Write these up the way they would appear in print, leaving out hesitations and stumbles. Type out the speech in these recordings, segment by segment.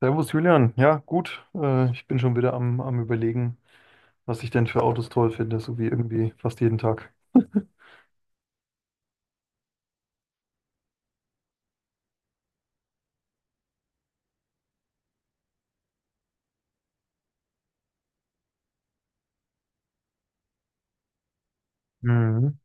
Servus Julian, ja gut, ich bin schon wieder am Überlegen, was ich denn für Autos toll finde, so wie irgendwie fast jeden Tag. Mhm.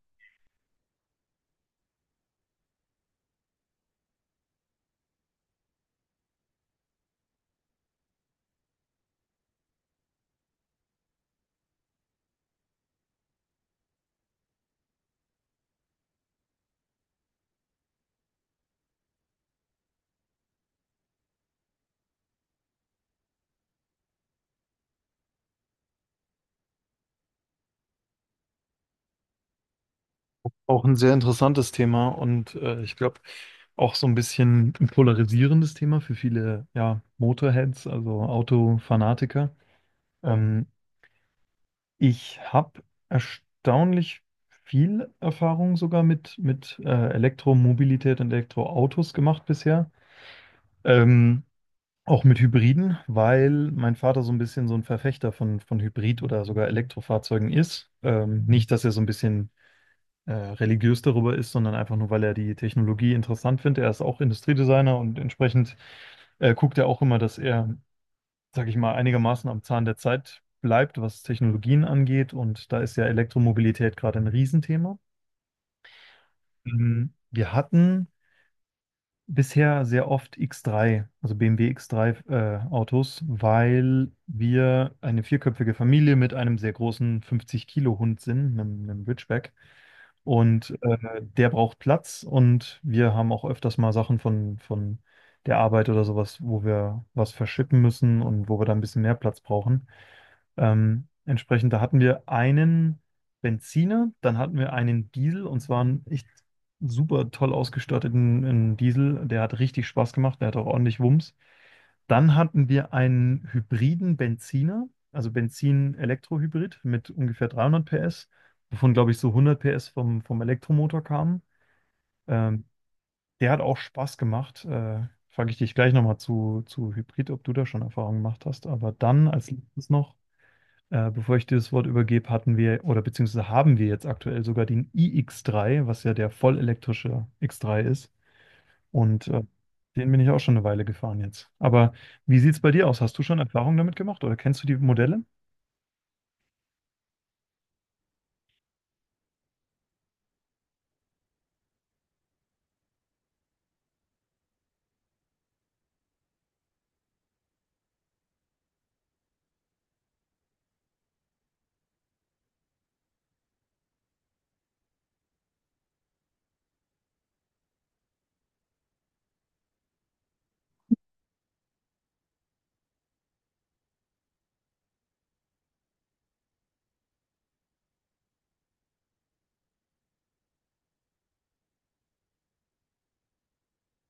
Auch ein sehr interessantes Thema und ich glaube auch so ein bisschen ein polarisierendes Thema für viele, ja, Motorheads, also Autofanatiker. Ähm, Ich habe erstaunlich viel Erfahrung sogar mit Elektromobilität und Elektroautos gemacht bisher. Ähm, Auch mit Hybriden, weil mein Vater so ein bisschen so ein Verfechter von Hybrid- oder sogar Elektrofahrzeugen ist. Nicht, dass er so ein bisschen religiös darüber ist, sondern einfach nur, weil er die Technologie interessant findet. Er ist auch Industriedesigner und entsprechend guckt er auch immer, dass er, sage ich mal, einigermaßen am Zahn der Zeit bleibt, was Technologien angeht. Und da ist ja Elektromobilität gerade ein Riesenthema. Mhm. Wir hatten bisher sehr oft X3, also BMW X3 Autos, weil wir eine vierköpfige Familie mit einem sehr großen 50-Kilo-Hund sind, einem Ridgeback. Und der braucht Platz, und wir haben auch öfters mal Sachen von der Arbeit oder sowas, wo wir was verschippen müssen und wo wir da ein bisschen mehr Platz brauchen. Entsprechend, da hatten wir einen Benziner, dann hatten wir einen Diesel, und zwar einen echt super toll ausgestatteten einen Diesel. Der hat richtig Spaß gemacht, der hat auch ordentlich Wumms. Dann hatten wir einen hybriden Benziner, also Benzin-Elektrohybrid mit ungefähr 300 PS, wovon, glaube ich, so 100 PS vom Elektromotor kamen. Ähm, Der hat auch Spaß gemacht. Frage ich dich gleich nochmal zu Hybrid, ob du da schon Erfahrung gemacht hast. Aber dann als letztes noch. Bevor ich dir das Wort übergebe, hatten wir, oder beziehungsweise haben wir jetzt aktuell sogar den iX3, was ja der vollelektrische X3 ist. Und den bin ich auch schon eine Weile gefahren jetzt. Aber wie sieht es bei dir aus? Hast du schon Erfahrungen damit gemacht oder kennst du die Modelle?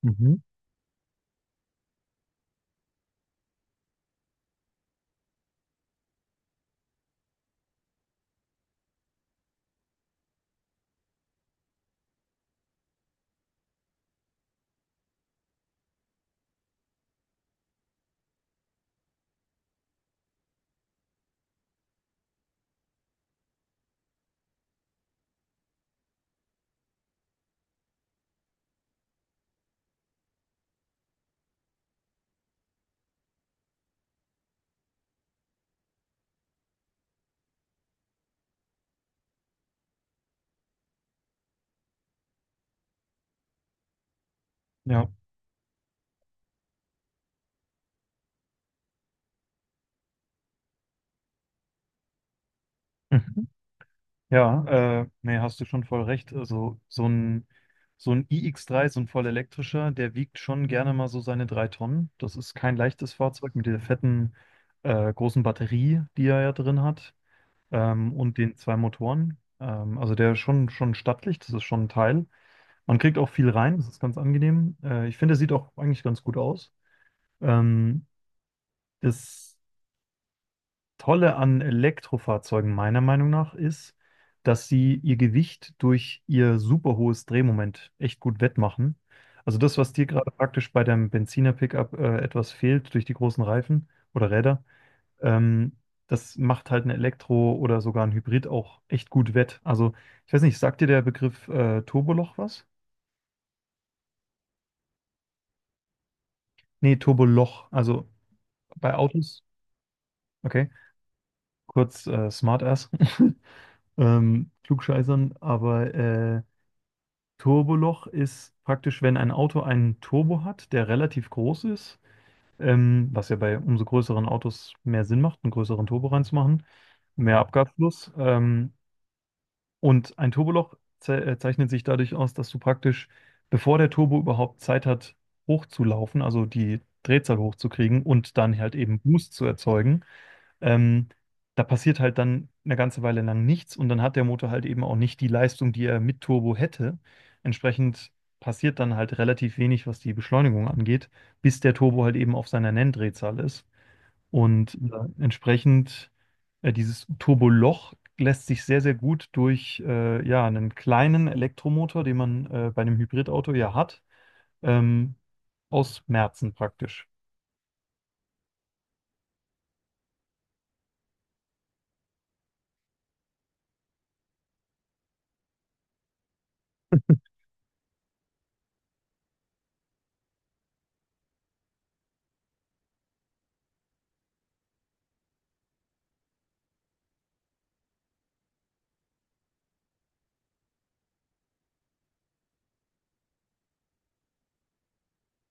Mhm. Ja. Mhm. Ja, nee, hast du schon voll recht. Also so ein iX3, so ein vollelektrischer, der wiegt schon gerne mal so seine 3 Tonnen. Das ist kein leichtes Fahrzeug mit der fetten, großen Batterie, die er ja drin hat. Und den zwei Motoren. Also der ist schon stattlich, das ist schon ein Teil. Man kriegt auch viel rein, das ist ganz angenehm. Ich finde, der sieht auch eigentlich ganz gut aus. Ähm, Das Tolle an Elektrofahrzeugen meiner Meinung nach ist, dass sie ihr Gewicht durch ihr super hohes Drehmoment echt gut wettmachen. Also das, was dir gerade praktisch bei deinem Benziner-Pickup etwas fehlt durch die großen Reifen oder Räder. Ähm, Das macht halt ein Elektro- oder sogar ein Hybrid auch echt gut wett. Also, ich weiß nicht, sagt dir der Begriff Turboloch was? Nee, Turboloch. Also bei Autos, okay, kurz Smartass, Klugscheißern, aber Turboloch ist praktisch, wenn ein Auto einen Turbo hat, der relativ groß ist, was ja bei umso größeren Autos mehr Sinn macht, einen größeren Turbo reinzumachen, mehr Abgasfluss. Und ein Turboloch ze zeichnet sich dadurch aus, dass du praktisch, bevor der Turbo überhaupt Zeit hat hochzulaufen, also die Drehzahl hochzukriegen und dann halt eben Boost zu erzeugen, ähm, da passiert halt dann eine ganze Weile lang nichts, und dann hat der Motor halt eben auch nicht die Leistung, die er mit Turbo hätte. Entsprechend passiert dann halt relativ wenig, was die Beschleunigung angeht, bis der Turbo halt eben auf seiner Nenndrehzahl ist. Und entsprechend dieses Turboloch lässt sich sehr, sehr gut durch ja, einen kleinen Elektromotor, den man bei einem Hybridauto ja hat, ähm, ausmerzen praktisch.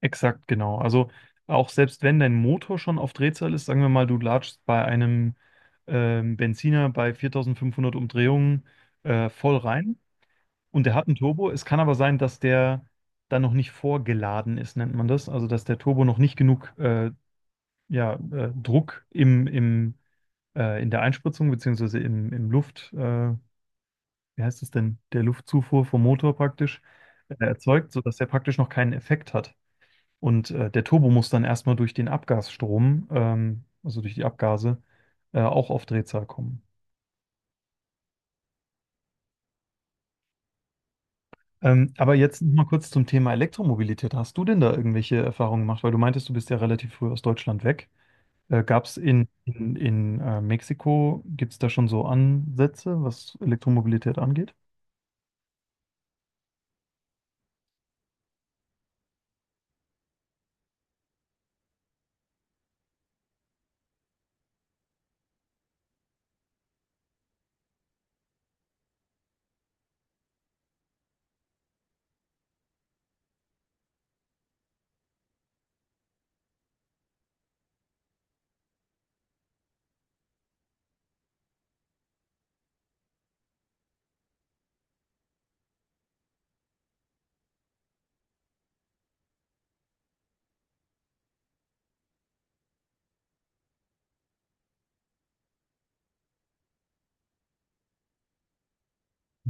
Exakt, genau. Also auch selbst wenn dein Motor schon auf Drehzahl ist, sagen wir mal, du latschst bei einem Benziner bei 4.500 Umdrehungen voll rein und der hat einen Turbo. Es kann aber sein, dass der dann noch nicht vorgeladen ist, nennt man das. Also, dass der Turbo noch nicht genug ja, Druck im, in der Einspritzung, beziehungsweise im wie heißt es denn, der Luftzufuhr vom Motor praktisch erzeugt, sodass der praktisch noch keinen Effekt hat. Und der Turbo muss dann erstmal durch den Abgasstrom, also durch die Abgase, auch auf Drehzahl kommen. Aber jetzt noch mal kurz zum Thema Elektromobilität. Hast du denn da irgendwelche Erfahrungen gemacht? Weil du meintest, du bist ja relativ früh aus Deutschland weg. Gab es in Mexiko, gibt es da schon so Ansätze, was Elektromobilität angeht?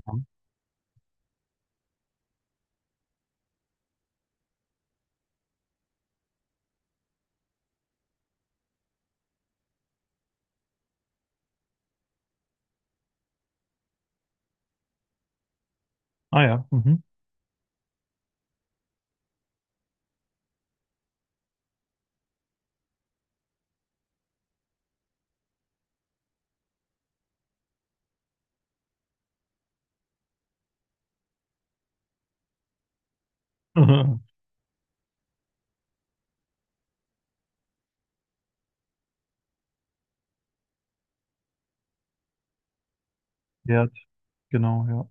Ja. Ah, ja. Mhm. Ja, genau, ja.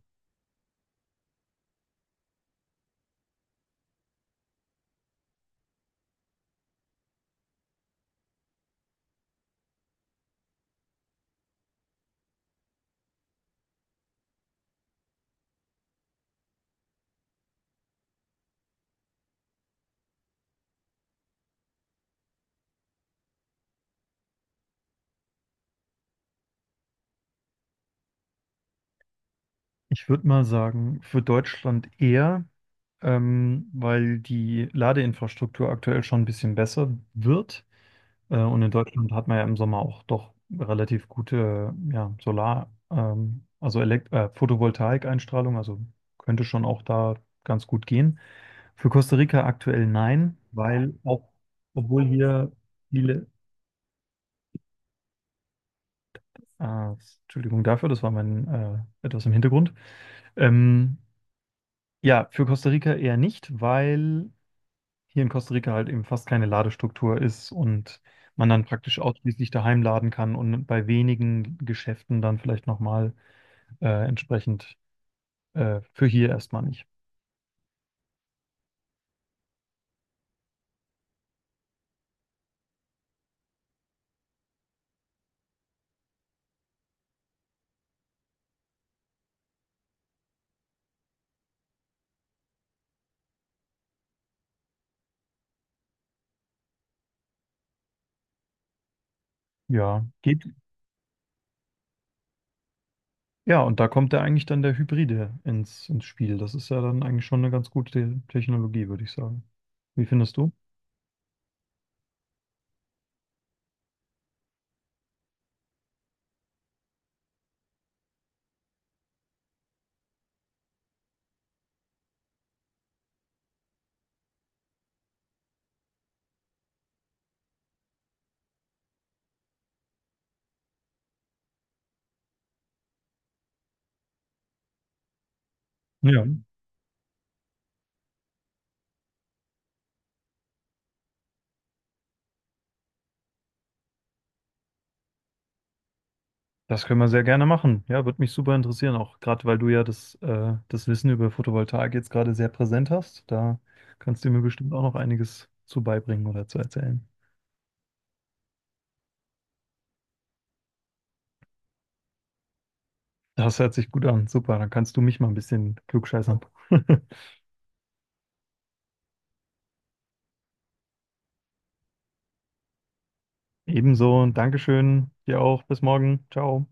Ich würde mal sagen, für Deutschland eher, weil die Ladeinfrastruktur aktuell schon ein bisschen besser wird. Und in Deutschland hat man ja im Sommer auch doch relativ gute, ja, Solar, also Elekt Photovoltaik-Einstrahlung, also könnte schon auch da ganz gut gehen. Für Costa Rica aktuell nein, weil auch, obwohl hier viele, ah, Entschuldigung dafür, das war mein, etwas im Hintergrund. Ähm, ja, für Costa Rica eher nicht, weil hier in Costa Rica halt eben fast keine Ladestruktur ist und man dann praktisch ausschließlich daheim laden kann und bei wenigen Geschäften dann vielleicht nochmal, entsprechend für hier erstmal nicht. Ja, geht. Ja, und da kommt ja eigentlich dann der Hybride ins Spiel. Das ist ja dann eigentlich schon eine ganz gute Technologie, würde ich sagen. Wie findest du? Ja. Das können wir sehr gerne machen. Ja, würde mich super interessieren, auch gerade weil du ja das Wissen über Photovoltaik jetzt gerade sehr präsent hast. Da kannst du mir bestimmt auch noch einiges zu beibringen oder zu erzählen. Das hört sich gut an. Super, dann kannst du mich mal ein bisschen klugscheißern. Ebenso, Dankeschön, dir auch. Bis morgen. Ciao.